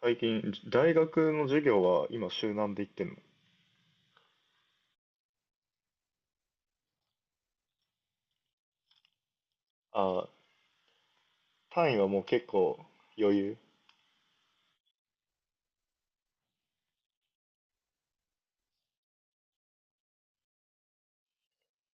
最近、大学の授業は今週何で行ってんの？あー単位はもう結構余裕。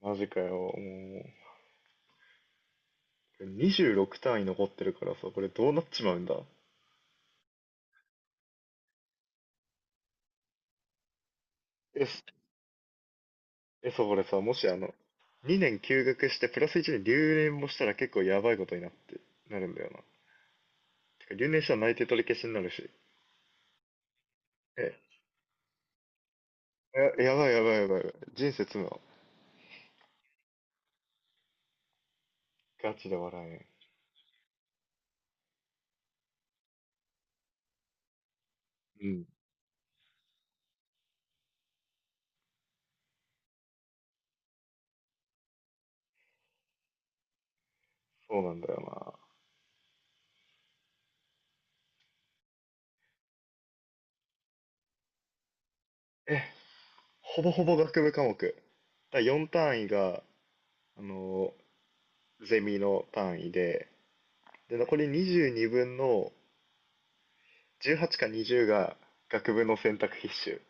マジかよ。もう、26単位残ってるからさ、これどうなっちまうんだ。え、そえ、そう、これさ、もし、2年休学してプラス1年留年もしたら結構やばいことになって、なるんだよな。てか、留年したら内定取り消しになるし。え、やばいやばいやばいやばい。人生詰むわ。ガチで笑えん。うん。そうなんだよな。ほぼほぼ学部科目。だ4単位が、あのゼミの単位で、で、残り22分の18か20が学部の選択必修。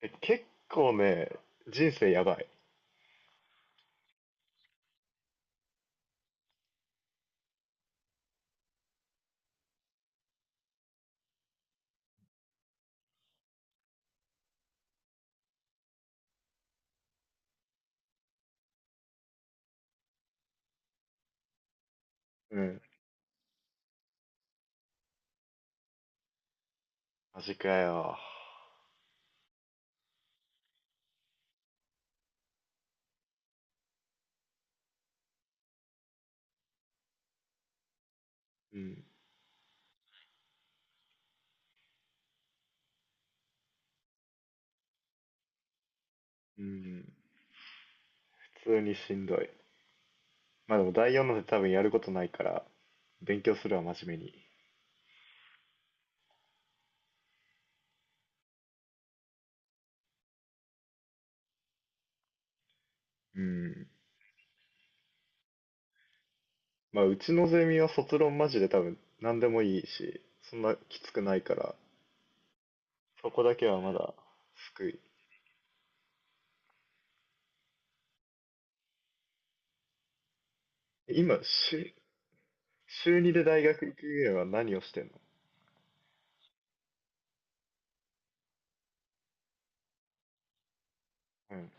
結構ね、人生やばい。うん。マジかよ。うん。うん。普通にしんどい。まあでも第4ので多分やることないから、勉強するわ、真面目に。うん。まあうちのゼミは卒論マジで多分何でもいいし、そんなきつくないから、そこだけはまだ救い。今、週2で大学行く上は何をしてんの？うん。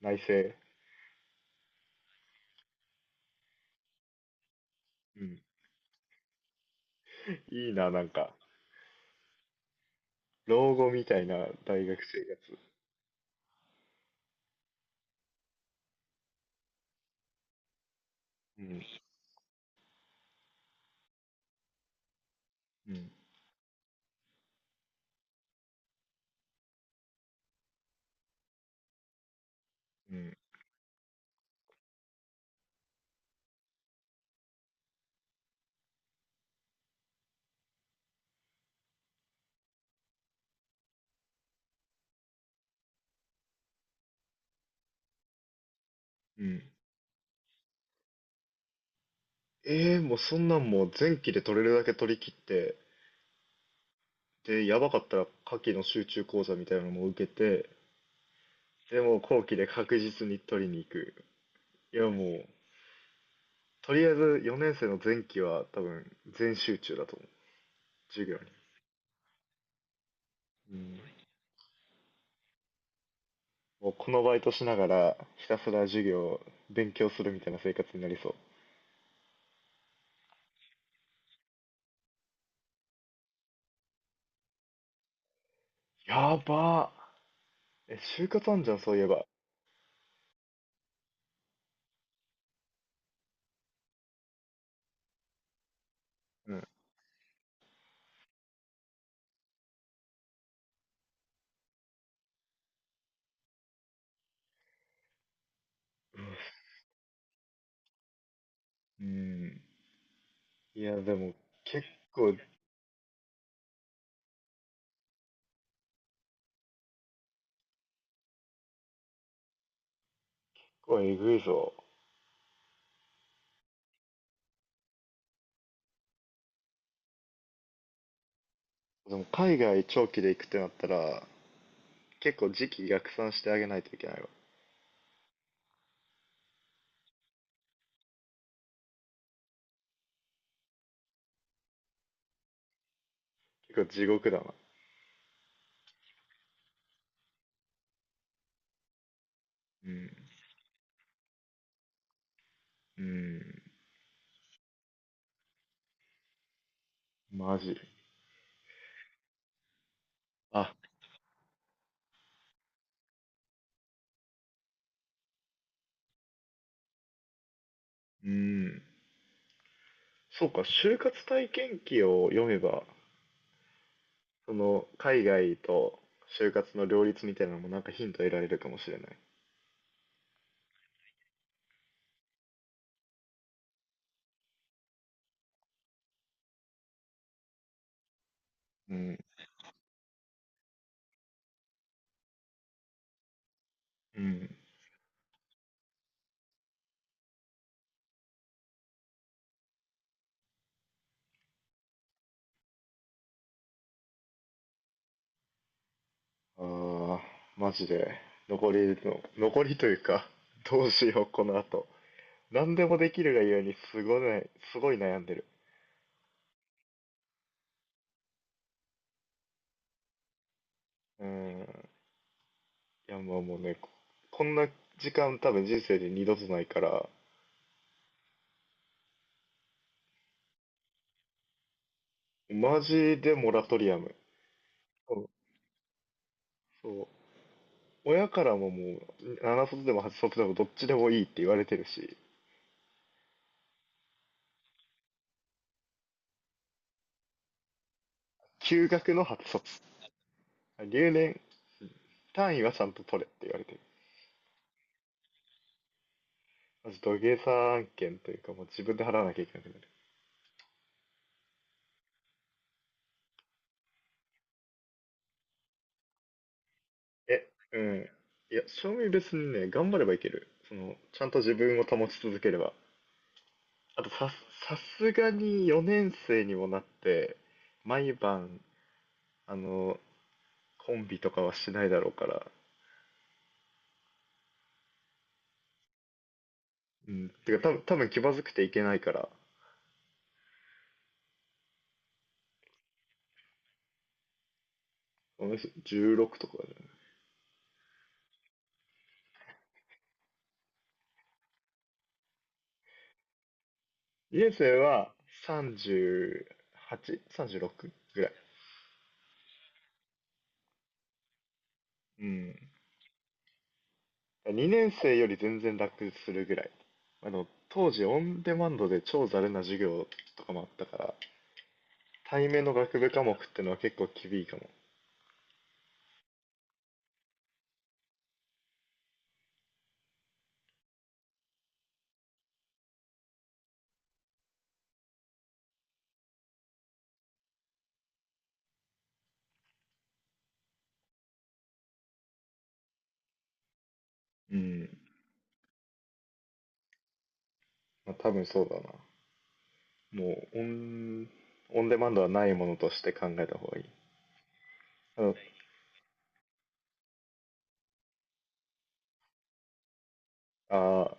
内政。うん。いいな、なんか、老後みたいな大学生活。うん、うん、うん、うん。ええー、もうそんなんもう前期で取れるだけ取り切って、で、やばかったら夏季の集中講座みたいなのも受けて、でもう後期で確実に取りに行く。いや、もう、とりあえず4年生の前期は多分全集中だと思う。授業に。うん。もうこのバイトしながらひたすら授業、勉強するみたいな生活になりそう。やばー就活あんじゃん、そういえば。うん。うん。いや、でも結構、これえぐいぞ。でも海外長期で行くってなったら、結構時期逆算してあげないといけないわ。結構地獄だな。うん。うん。マジ。あ、うん。そうか、就活体験記を読めば、その海外と就活の両立みたいなのもなんかヒント得られるかもしれない。うん。うん。ああ、マジで。残りの、残りというか、どうしよう、この後。何でもできるがゆえにすごいね、すごい悩んでる。うん。いや、まあもうね、こんな時間多分人生で二度とないから、マジでモラトリアム。そう。そう、親からももう、7卒でも8卒でもどっちでもいいって言われてるし、休学の8卒。留年単位はちゃんと取れって言われてる。マジ土下座案件というか、もう自分で払わなきゃいけなくなる。うん。いや、正味別にね、頑張ればいける。ちゃんと自分を保ち続ければ。あとさ、さすがに4年生にもなって、毎晩、あの、コンビとかはしないだろうから、うん、てか多分気まずくていけないから、私16とかじゃない？2年生は 38?36? ぐらい。うん。2年生より全然楽するぐらい。当時オンデマンドで超ざるな授業とかもあったから、対面の学部科目ってのは結構厳いかも。うん。まあ、多分そうだな。もうオンデマンドはないものとして考えた方がいい。あの、あ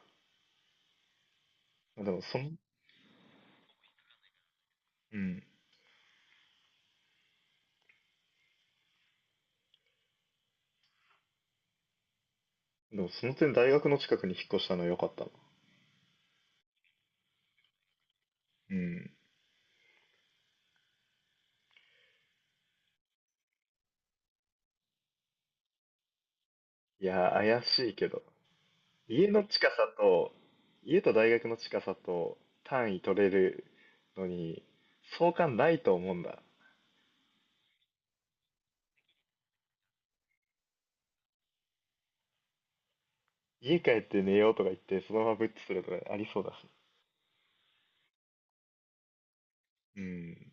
ーでもうん。でもその点大学の近くに引っ越したのは良かったな。うん。いやー、怪しいけど。家の近さと、家と大学の近さと単位取れるのに、相関ないと思うんだ。家帰って寝ようとか言って、そのままブッチするとかありそうだし。うん。